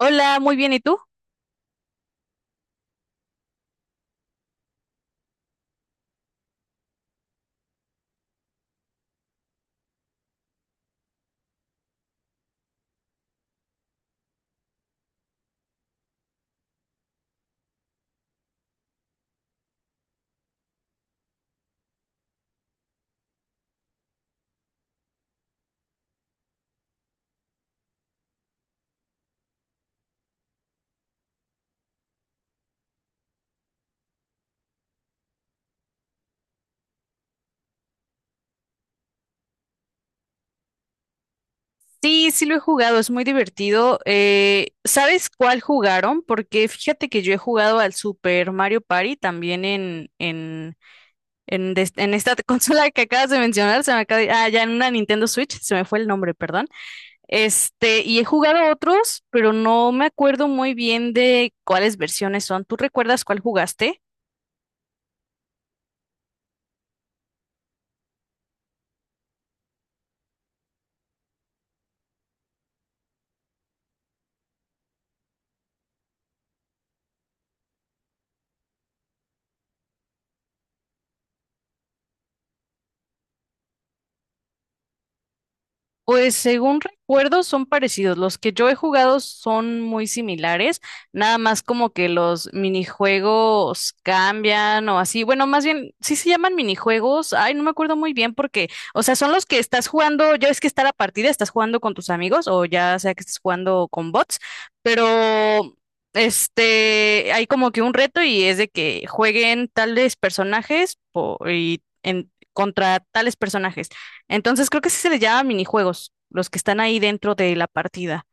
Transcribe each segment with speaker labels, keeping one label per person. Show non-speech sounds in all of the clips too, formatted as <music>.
Speaker 1: Hola, muy bien, ¿y tú? Sí, sí lo he jugado, es muy divertido. ¿Sabes cuál jugaron? Porque fíjate que yo he jugado al Super Mario Party también en esta <laughs> consola que acabas de mencionar, se me acaba de- ah, ya en una Nintendo Switch, se me fue el nombre, perdón. Y he jugado otros, pero no me acuerdo muy bien de cuáles versiones son. ¿Tú recuerdas cuál jugaste? Pues según recuerdo son parecidos. Los que yo he jugado son muy similares, nada más como que los minijuegos cambian o así. Bueno, más bien, sí se llaman minijuegos. Ay, no me acuerdo muy bien porque, o sea, son los que estás jugando, ya es que está la partida, estás jugando con tus amigos o ya sea que estés jugando con bots, pero hay como que un reto y es de que jueguen tales personajes y contra tales personajes. Entonces creo que sí se les llama minijuegos, los que están ahí dentro de la partida.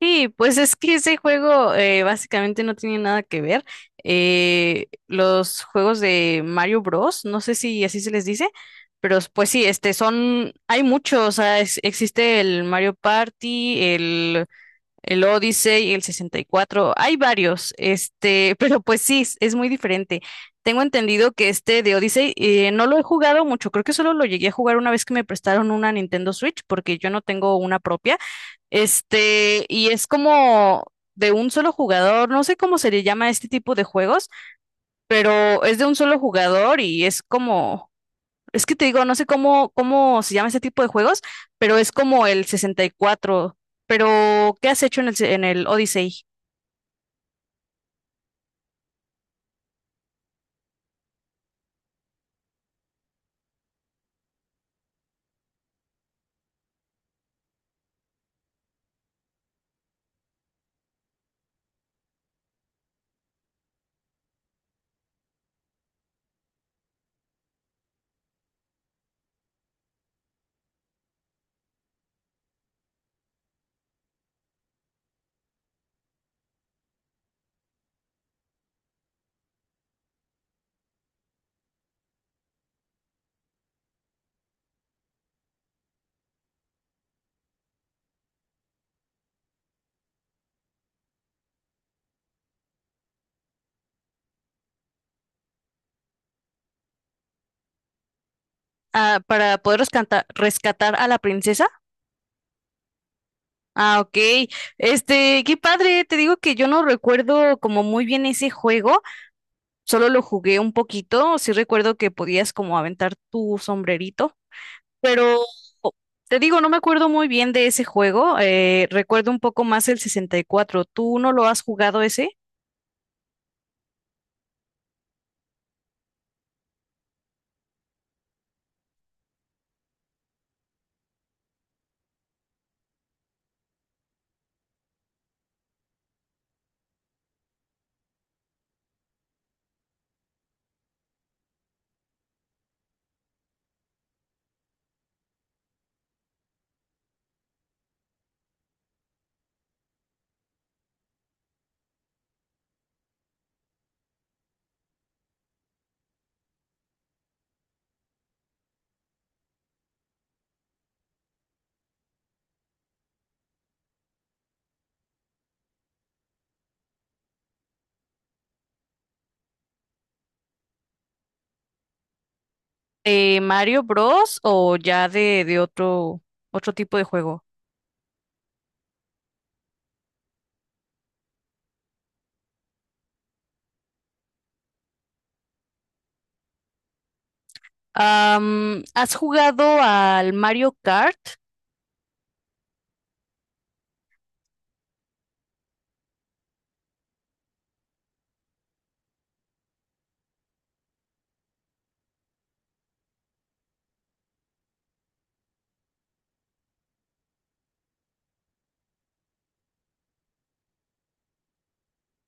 Speaker 1: Sí, pues es que ese juego básicamente no tiene nada que ver. Los juegos de Mario Bros, no sé si así se les dice, pero pues sí, son, hay muchos, o sea, existe el Mario Party, el Odyssey, el 64 hay varios, <laughs> pero pues sí, es muy diferente. Tengo entendido que este de Odyssey no lo he jugado mucho, creo que solo lo llegué a jugar una vez que me prestaron una Nintendo Switch, porque yo no tengo una propia. Y es como de un solo jugador, no sé cómo se le llama a este tipo de juegos, pero es de un solo jugador y es que te digo, no sé cómo se llama ese tipo de juegos, pero es como el 64. Pero, ¿qué has hecho en el Odyssey? Ah, para poder rescatar a la princesa. Ah, ok. Qué padre. Te digo que yo no recuerdo como muy bien ese juego. Solo lo jugué un poquito. Sí recuerdo que podías como aventar tu sombrerito. Pero te digo, no me acuerdo muy bien de ese juego. Recuerdo un poco más el 64. ¿Tú no lo has jugado ese? ¿De Mario Bros o ya de otro tipo de juego? ¿Has jugado al Mario Kart?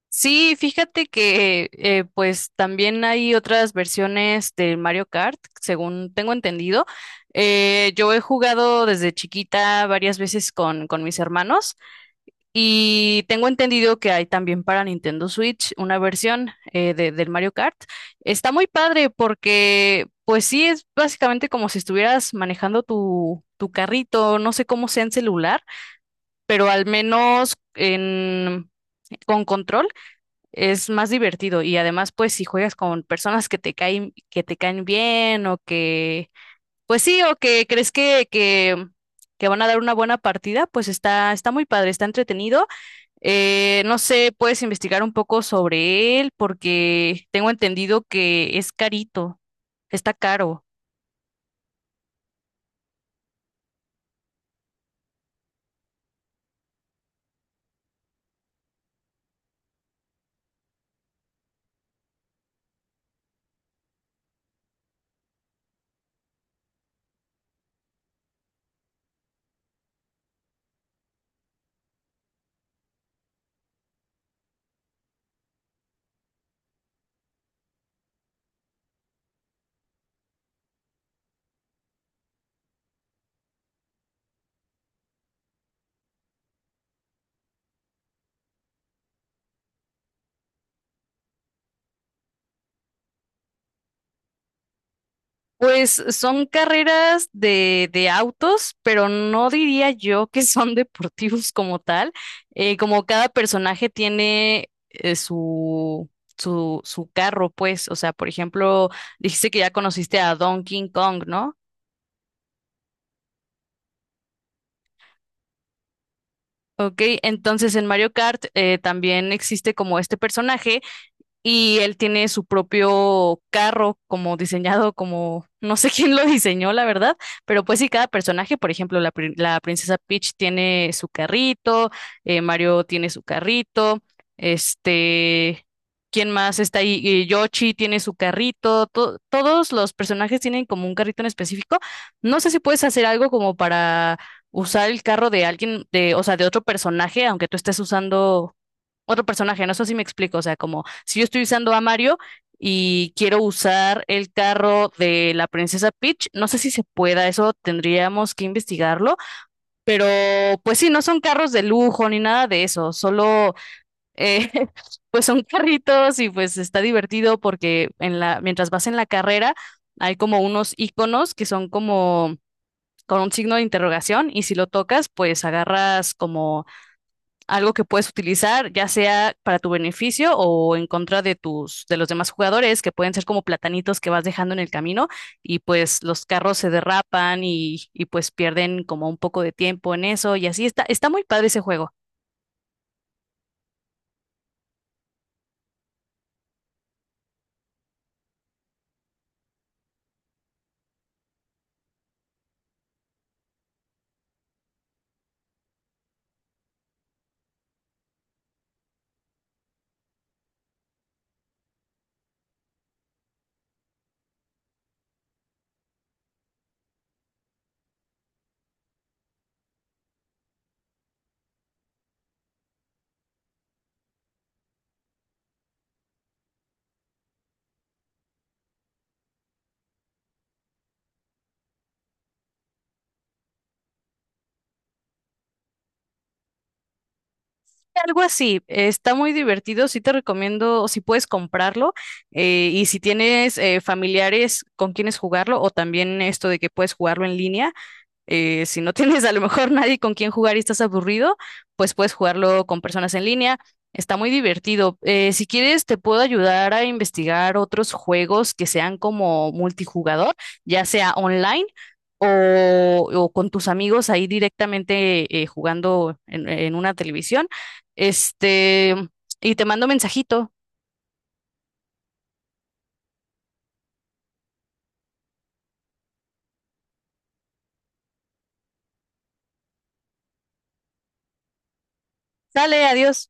Speaker 1: Sí, fíjate que pues también hay otras versiones del Mario Kart, según tengo entendido. Yo he jugado desde chiquita varias veces con mis hermanos. Y tengo entendido que hay también para Nintendo Switch una versión del Mario Kart. Está muy padre porque, pues sí, es básicamente como si estuvieras manejando tu carrito, no sé cómo sea en celular, pero al menos con control es más divertido. Y además, pues si juegas con personas que te caen bien pues sí, o que crees que van a dar una buena partida, pues está muy padre, está entretenido. No sé, puedes investigar un poco sobre él porque tengo entendido que es carito, está caro. Pues son carreras de autos, pero no diría yo que <laughs> son deportivos como tal. Como cada personaje tiene su carro, pues, o sea, por ejemplo, dijiste que ya conociste a Donkey Kong, ¿no? Ok, entonces en Mario Kart también existe como este personaje y él tiene su propio carro como diseñado, como no sé <laughs> quién lo diseñó, la verdad, pero pues sí, cada personaje, por ejemplo, la princesa Peach tiene su carrito, Mario tiene su carrito, este, ¿quién más está ahí? Yoshi tiene su carrito, todos los personajes tienen como un carrito en específico. No sé si puedes hacer algo como para usar el carro de alguien, o sea, de otro personaje, aunque tú estés usando otro personaje, no sé si me explico, o sea, como si yo estoy usando a Mario y quiero usar el carro de la princesa Peach, no sé si se pueda, eso tendríamos que investigarlo, pero pues sí, no son carros de lujo ni nada de eso, solo eh, <laughs> pues son carritos y pues está divertido porque mientras vas en la carrera hay como unos iconos que son como con un signo de interrogación y si lo tocas, pues agarras como algo que puedes utilizar, ya sea para tu beneficio o en contra de de los demás jugadores, que pueden ser como platanitos que vas dejando en el camino y pues los carros se derrapan y pues pierden como un poco de tiempo en eso y así está muy padre ese juego. Algo así, está muy divertido, sí te recomiendo, si puedes comprarlo y si tienes familiares con quienes jugarlo o también esto de que puedes jugarlo en línea. Si no tienes a lo mejor nadie con quien jugar y estás aburrido, pues puedes jugarlo con personas en línea. Está muy divertido. Si quieres, te puedo ayudar a investigar otros juegos que sean como multijugador, ya sea online o con tus amigos ahí directamente jugando en una televisión. Este, y te mando mensajito. Sale, adiós.